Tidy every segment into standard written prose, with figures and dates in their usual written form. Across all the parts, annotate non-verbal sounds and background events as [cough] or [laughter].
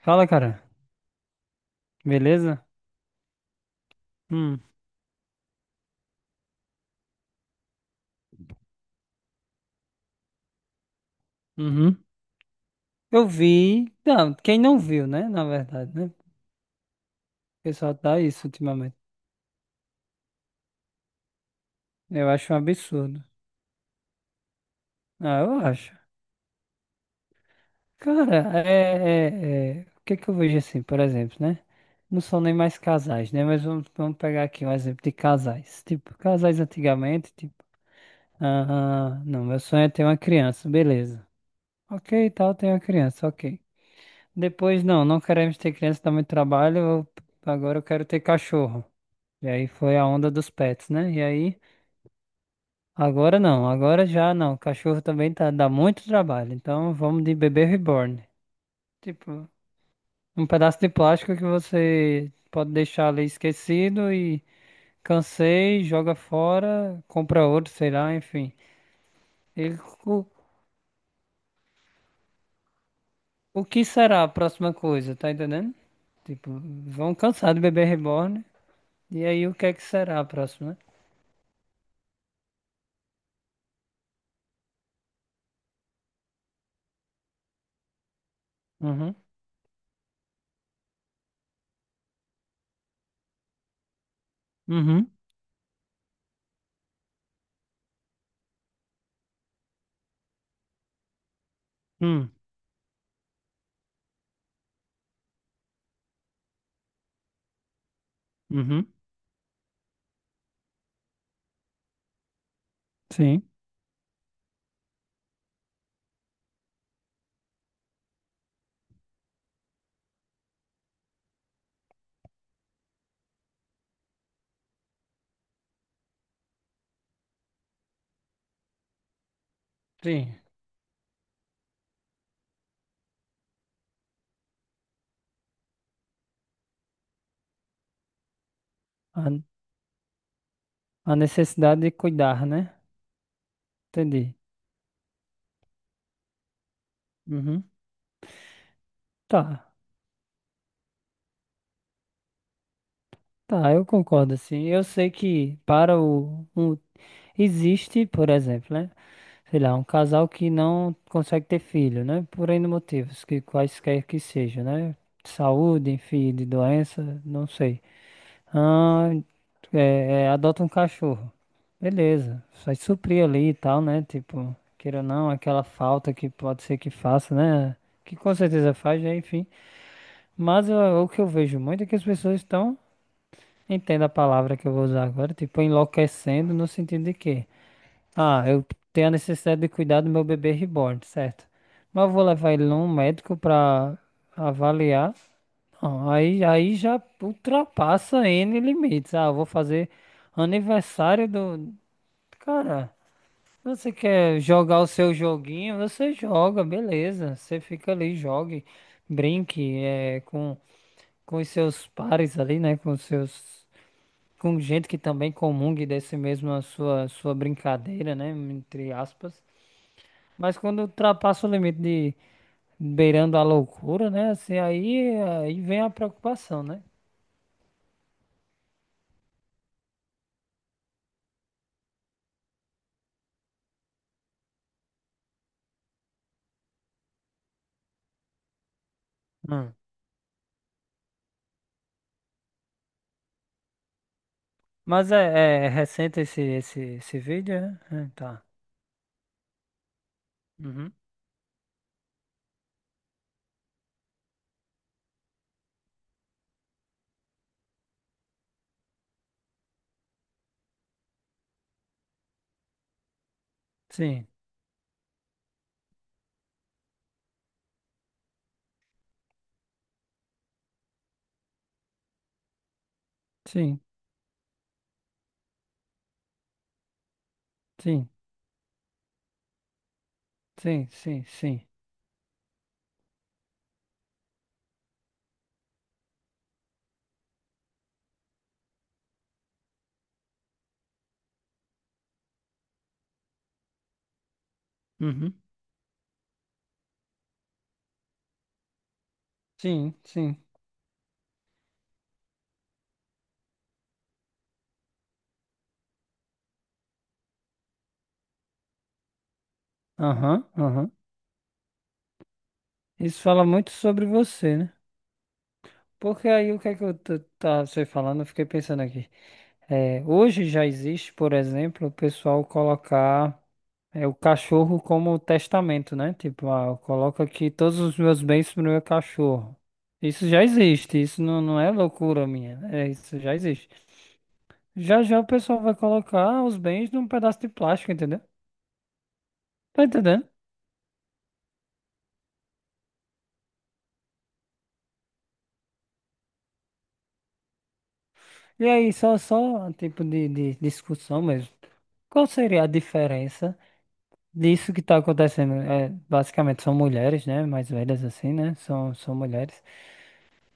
Fala, cara. Beleza? Hum. Uhum. Eu vi. Não, quem não viu, né? Na verdade, né? O pessoal tá isso ultimamente. Eu acho um absurdo. Ah, eu acho. Cara, o que é que eu vejo assim, por exemplo, né? Não são nem mais casais, né? Mas vamos pegar aqui um exemplo de casais. Tipo, casais antigamente, tipo, ah, não, meu sonho é ter uma criança, beleza. Ok, tal, tenho uma criança, ok. Depois, não, não queremos ter criança, dá muito trabalho. Agora eu quero ter cachorro. E aí foi a onda dos pets, né? E aí, agora não, agora já não. Cachorro também tá, dá muito trabalho. Então vamos de bebê reborn. Tipo, um pedaço de plástico que você pode deixar ali esquecido e cansei, joga fora, compra outro, sei lá, enfim. Ele, o, o que será a próxima coisa, tá entendendo? Tipo, vão cansar do bebê reborn. E aí, o que é que será a próxima? Uhum, uhum, hum, uhum, sim, sim. A, a necessidade de cuidar, né? Entendi. Uhum. Tá, tá, eu concordo, assim. Eu sei que para existe, por exemplo, né? Sei lá, um casal que não consegue ter filho, né? Por N motivos, que quaisquer que seja, né? Saúde, enfim, de doença, não sei. Ah, adota um cachorro. Beleza. Vai suprir ali e tal, né? Tipo, queira ou não, aquela falta que pode ser que faça, né? Que com certeza faz, né? Enfim. Mas ó, o que eu vejo muito é que as pessoas estão, entenda a palavra que eu vou usar agora, tipo, enlouquecendo no sentido de quê? Ah, eu tenho a necessidade de cuidar do meu bebê reborn, certo? Mas eu vou levar ele num médico pra avaliar. Não, aí já ultrapassa N limites. Ah, eu vou fazer aniversário do. Cara, você quer jogar o seu joguinho? Você joga, beleza. Você fica ali, jogue, brinque, com os seus pares ali, né? Com os seus. Com gente que também comungue desse mesmo a sua brincadeira, né? Entre aspas. Mas quando ultrapassa o limite de beirando a loucura, né? Assim, aí vem a preocupação, né? Hum. Mas é recente esse vídeo, né? É, tá. Uhum. Sim, sim, sim, sim, sim, sim. Uhum. Sim, sim. Aham, aham. Isso fala muito sobre você, né? Porque aí o que é que tá você falando, eu fiquei pensando aqui. É, hoje já existe, por exemplo, o pessoal colocar o cachorro como testamento, né? Tipo, ah, coloca aqui todos os meus bens pro meu cachorro. Isso já existe, isso não, não é loucura minha, né? É, isso já existe. Já já o pessoal vai colocar os bens num pedaço de plástico, entendeu? Tá entendendo? E aí, só um tipo de discussão mesmo. Qual seria a diferença disso que está acontecendo? É, basicamente são mulheres, né? Mais velhas assim, né? São mulheres.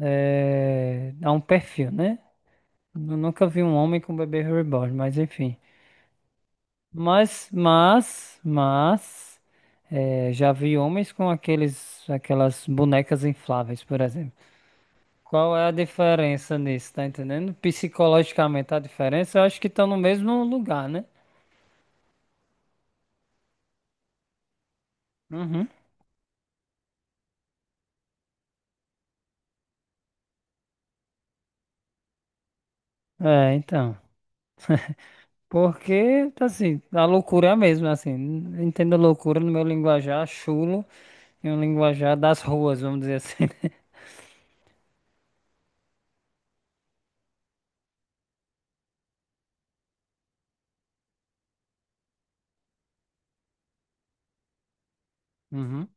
É, a um perfil, né? Eu nunca vi um homem com bebê reborn, mas enfim. Mas, já vi homens com aquelas bonecas infláveis, por exemplo. Qual é a diferença nisso, tá entendendo? Psicologicamente a diferença, eu acho que estão no mesmo lugar, né? Uhum. É, então. Porque, assim, a loucura é a mesma, assim. Entendo loucura no meu linguajar chulo e um linguajar das ruas, vamos dizer assim, né? Uhum.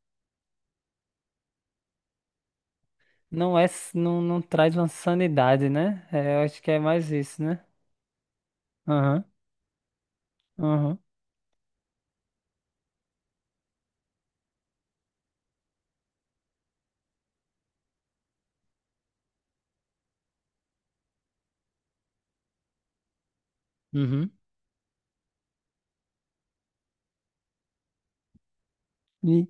Não é, não, não traz uma sanidade, né? É, eu acho que é mais isso, né? Aham, aham, uhum. E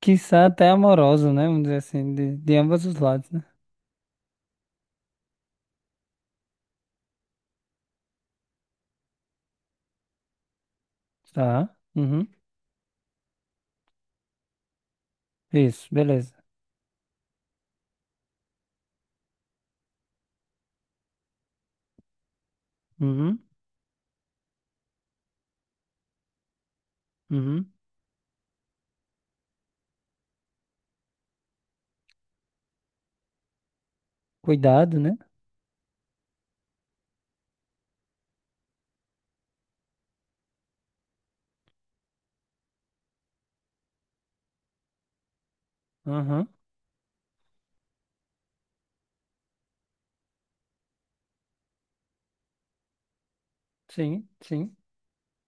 quiçá até amoroso, né? Vamos dizer assim, de ambos os lados, né? Tá, uhum. Isso, beleza. Uhum, uhum. Cuidado, né? Aham. Sim, sim,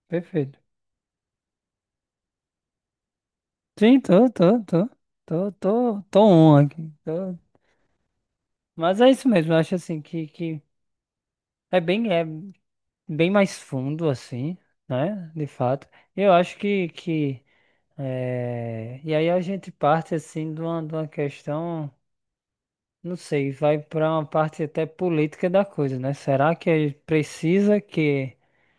perfeito. Sim, tô on aqui. Tô. Mas é isso mesmo, eu acho assim que é bem mais fundo, assim, né? De fato. Eu acho que. É, e aí a gente parte assim de uma questão, não sei, vai para uma parte até política da coisa, né? Será que é, precisa que,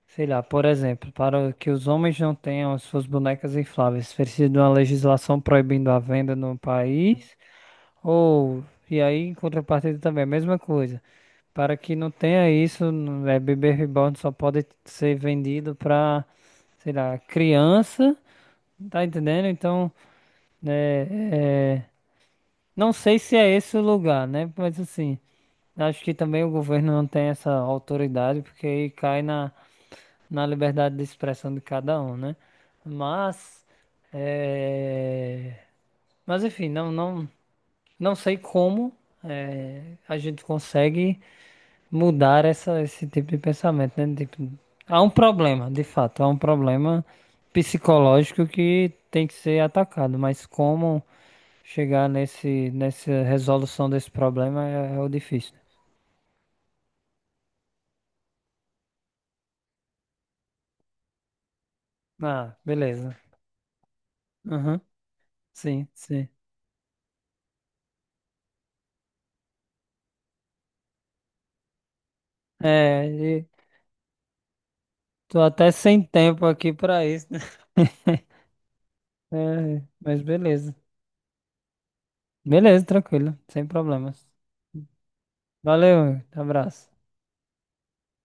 sei lá, por exemplo, para que os homens não tenham as suas bonecas infláveis, precisa de uma legislação proibindo a venda no país? Ou, e aí em contrapartida também, a mesma coisa, para que não tenha isso, bebê reborn só pode ser vendido para, sei lá, criança, tá entendendo? Então. É, é, não sei se é esse o lugar, né? Mas assim, acho que também o governo não tem essa autoridade, porque aí cai na liberdade de expressão de cada um, né? Mas, é, mas enfim, não, não, não sei como a gente consegue mudar esse tipo de pensamento, né? Tipo, há um problema, de fato, há um problema psicológico que tem que ser atacado, mas como chegar nessa resolução desse problema é o difícil. Ah, beleza. Aham. Sim, sim. É, e tô até sem tempo aqui pra isso, né? [laughs] É, mas beleza. Beleza, tranquilo, sem problemas. Valeu, abraço.